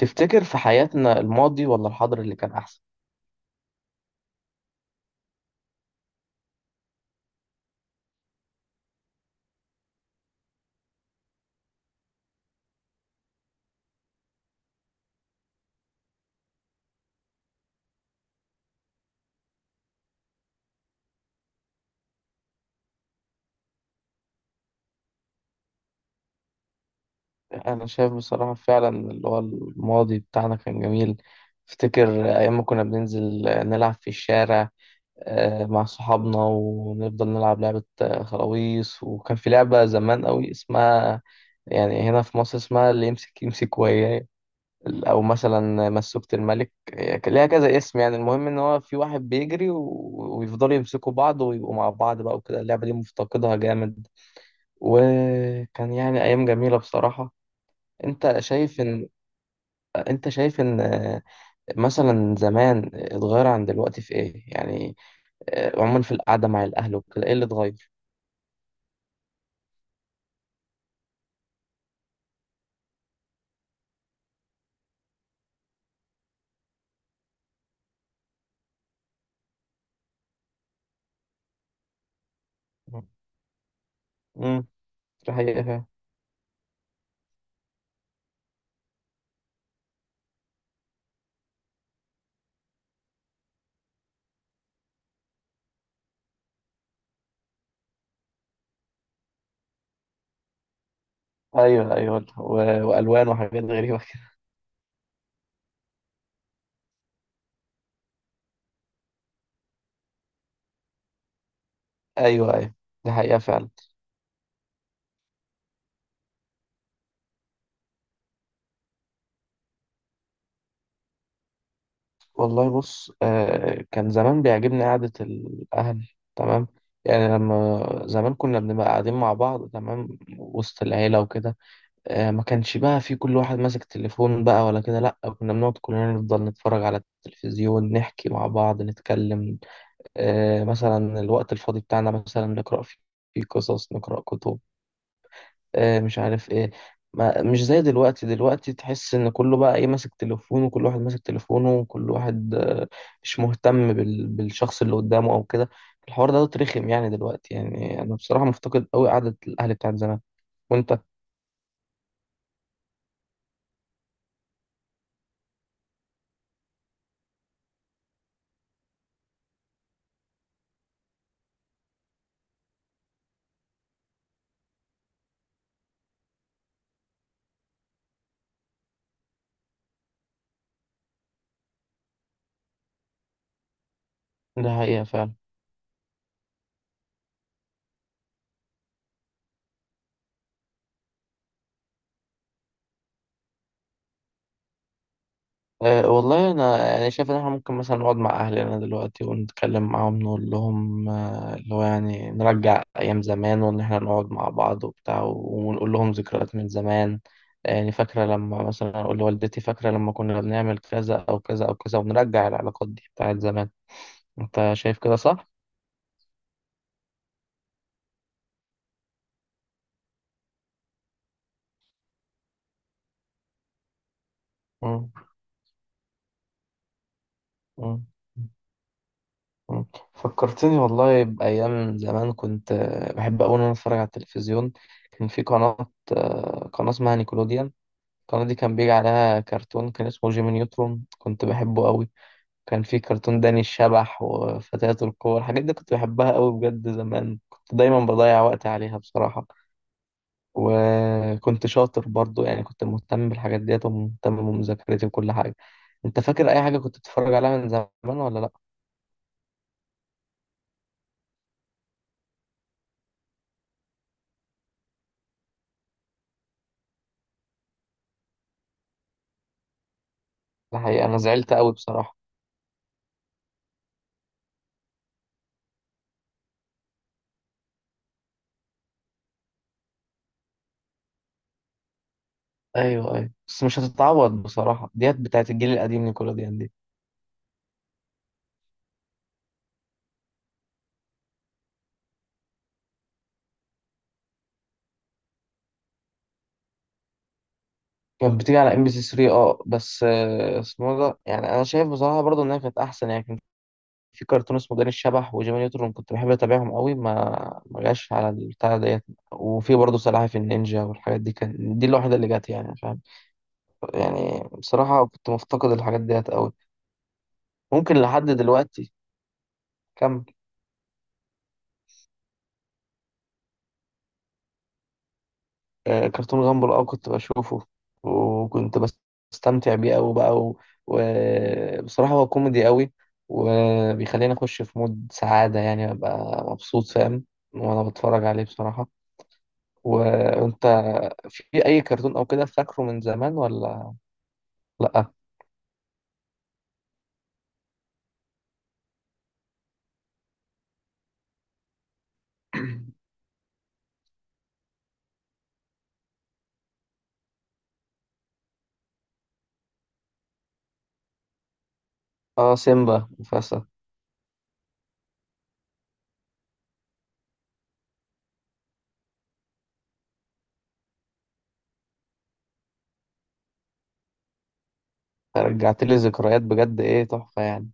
تفتكر في حياتنا الماضي ولا الحاضر اللي كان أحسن؟ أنا شايف بصراحة فعلا اللي هو الماضي بتاعنا كان جميل. أفتكر أيام ما كنا بننزل نلعب في الشارع مع صحابنا ونفضل نلعب لعبة خلاويص. وكان في لعبة زمان قوي اسمها، يعني هنا في مصر اسمها اللي يمسك يمسك وياه، أو مثلا مسوكة الملك. هي كان ليها كذا اسم، يعني المهم إن هو في واحد بيجري ويفضلوا يمسكوا بعض ويبقوا مع بعض بقى وكده. اللعبة دي مفتقدها جامد، وكان يعني أيام جميلة بصراحة. أنت شايف إن أنت شايف إن مثلا زمان اتغير عن دلوقتي في إيه؟ يعني عموما في القعدة مع الأهل وكده، إيه اللي اتغير؟ امم. دي حقيقة فعلا. أيوه أيوه وألوان وحاجات غريبة كده. أيوه أيوه. دي حقيقة فعلا. والله بص، كان زمان بيعجبني قعدة الأهل، تمام. يعني لما زمان كنا بنبقى قاعدين مع بعض تمام وسط العيلة وكده، ما كانش بقى في كل واحد ماسك تليفون بقى ولا كده، لا كنا بنقعد كلنا نفضل نتفرج على التلفزيون، نحكي مع بعض، نتكلم. مثلا الوقت الفاضي بتاعنا مثلا نقرأ فيه، فيه قصص نقرأ كتب، مش عارف ايه. ما مش زي دلوقتي. دلوقتي تحس ان كله بقى ايه ماسك تليفونه، وكل واحد ماسك تليفونه، وكل واحد مش مهتم بالشخص اللي قدامه او كده. الحوار ده رخم يعني دلوقتي. يعني انا بصراحة مفتقد قوي قعدة الاهل بتاعت زمان. وانت؟ ده حقيقة فعلا. أه والله أنا يعني شايف إن إحنا ممكن مثلا نقعد مع أهلنا دلوقتي ونتكلم معاهم، نقول لهم اللي هو يعني نرجع أيام زمان، وإن إحنا نقعد مع بعض وبتاع ونقول لهم ذكريات من زمان. يعني فاكرة لما مثلا أقول لوالدتي فاكرة لما كنا بنعمل كذا أو كذا أو كذا، ونرجع العلاقات دي بتاعت زمان. أنت شايف كده صح؟ مم. مم. مم. فكرتني والله بأيام زمان. كنت بحب أوي إن أنا أتفرج على التلفزيون. كان في قناة اسمها نيكولوديان. القناة دي كان بيجي عليها كرتون كان اسمه جيمي نيوترون، كنت بحبه قوي. كان في كرتون داني الشبح وفتيات القوة، الحاجات دي كنت بحبها قوي بجد. زمان كنت دايما بضيع وقت عليها بصراحة. وكنت شاطر برضو يعني، كنت مهتم بالحاجات ديت ومهتم بمذاكرتي وكل حاجة. انت فاكر اي حاجة كنت بتتفرج عليها من زمان ولا لا؟ الحقيقة انا زعلت قوي بصراحة. ايوه ايوه، بس مش هتتعوض بصراحة ديت بتاعت الجيل القديم نيكولوديان دي. كانت بتيجي على ام بي سي 3، بس اسمه إيه ده. يعني انا شايف بصراحه برضو انها كانت احسن. يعني كان في كرتون اسمه داني الشبح وجيمي نيوترون، كنت بحب اتابعهم قوي. ما جاش على البتاع ديت. وفي برضو سلاحف النينجا والحاجات دي، كان دي الوحيده اللي جت يعني فاهم. يعني بصراحه كنت مفتقد الحاجات ديت قوي. ممكن لحد دلوقتي. كمل. كرتون غامبل، كنت بشوفه وكنت بستمتع بيه قوي بقى. وبصراحة هو كوميدي قوي، وبيخليني اخش في مود سعادة، يعني ابقى مبسوط فاهم وانا بتفرج عليه بصراحة. وانت في اي كرتون او كده فاكره من زمان ولا لا؟ اه، سيمبا مفاسة. رجعت لي ذكريات بجد، ايه تحفة يعني.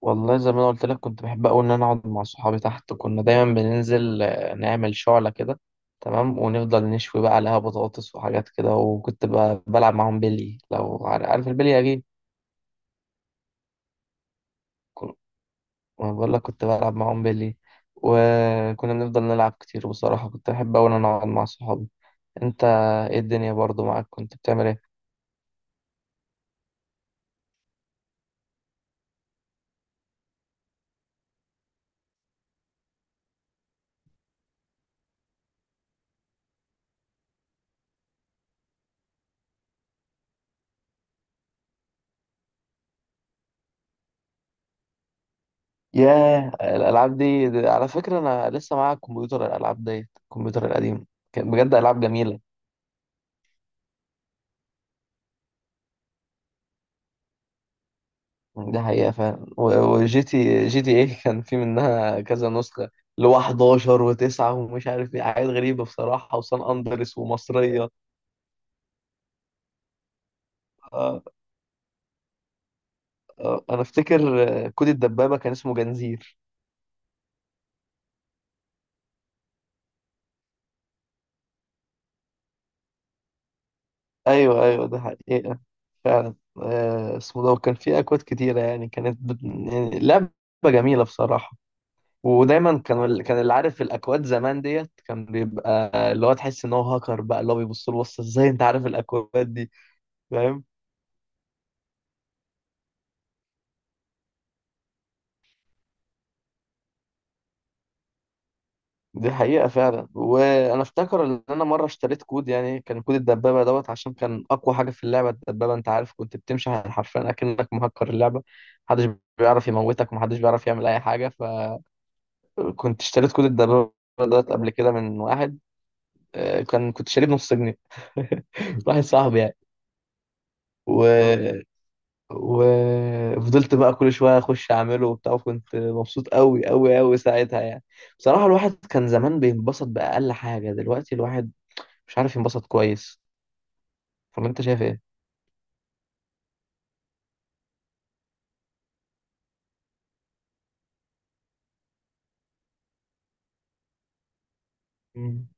والله زي ما انا قلت لك، كنت بحب قوي ان انا اقعد مع صحابي تحت. كنا دايما بننزل نعمل شعلة كده، تمام، ونفضل نشوي بقى عليها بطاطس وحاجات كده. وكنت بلعب معاهم بيلي. لو عارف البيلي اكيد. كن- ما بقول لك كنت بلعب معاهم بيلي. وكنا بنفضل نلعب كتير بصراحة. كنت بحب قوي ان انا اقعد مع صحابي. انت ايه الدنيا برضو معاك كنت بتعمل ايه؟ ياه الالعاب دي على فكرة انا لسه معايا كمبيوتر الالعاب ديت الكمبيوتر القديم. كان بجد العاب جميلة. دي حقيقة فعلا. وجي تي ايه. كان في منها كذا نسخة اللي هو 11 و9 ومش عارف ايه حاجات غريبة بصراحة، وسان اندرس ومصرية. آه، انا افتكر كود الدبابة كان اسمه جنزير. ايوه ايوه ده حقيقة فعلا. اسمه ده. وكان في اكواد كتيرة يعني، كانت يعني لعبة جميلة بصراحة. ودايما كان كان اللي عارف الاكواد زمان ديت كان بيبقى اللي هو تحس ان هو هاكر بقى، اللي هو بيبص له بص ازاي انت عارف الاكواد دي فاهم. دي حقيقة فعلا. وأنا أفتكر إن أنا مرة اشتريت كود، يعني كان كود الدبابة دوت عشان كان أقوى حاجة في اللعبة الدبابة. أنت عارف كنت بتمشي حرفيا أكنك مهكر اللعبة. محدش بيعرف يموتك ومحدش بيعرف يعمل أي حاجة. فكنت اشتريت كود الدبابة دوت قبل كده من واحد، كنت شاريه بنص جنيه. واحد صاحبي يعني. و... اه وفضلت بقى كل شوية أخش أعمله وبتاع. وكنت مبسوط أوي أوي أوي ساعتها يعني. بصراحة الواحد كان زمان بينبسط بأقل حاجة، دلوقتي الواحد مش عارف ينبسط كويس. فما انت شايف ايه؟ مم.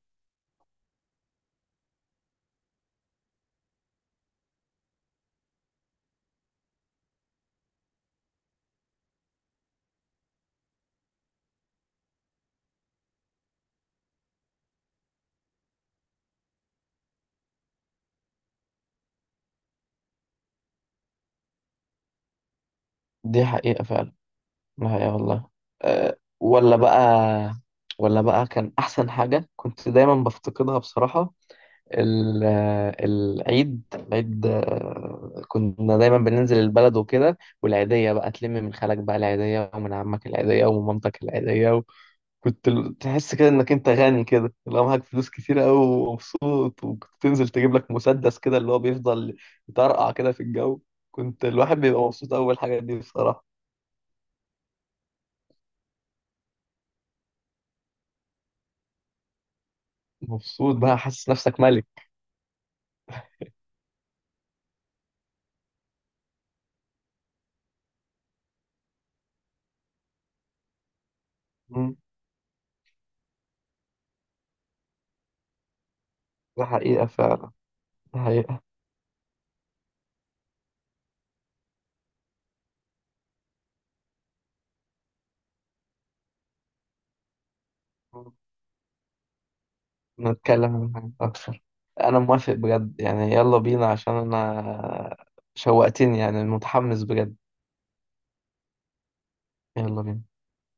دي حقيقة فعلا. دي حقيقة والله. أه، ولا بقى كان أحسن حاجة كنت دايما بفتقدها بصراحة. العيد. كنا دايما بننزل البلد وكده، والعيدية بقى تلم من خالك بقى العيدية، ومن عمك العيدية، ومن مامتك العيدية. كنت تحس كده انك انت غني كده، لو معاك فلوس كتير قوي ومبسوط، وكنت تنزل تجيب لك مسدس كده اللي هو بيفضل يطرقع كده في الجو. كنت الواحد بيبقى مبسوط اول حاجه دي بصراحه. مبسوط بقى حاسس نفسك ملك. مم. ده حقيقه فعلا. ده حقيقه. مم. نتكلم عن حاجات اكتر. انا موافق بجد يعني، يلا بينا عشان انا شوقتني يعني متحمس بجد. يلا بينا.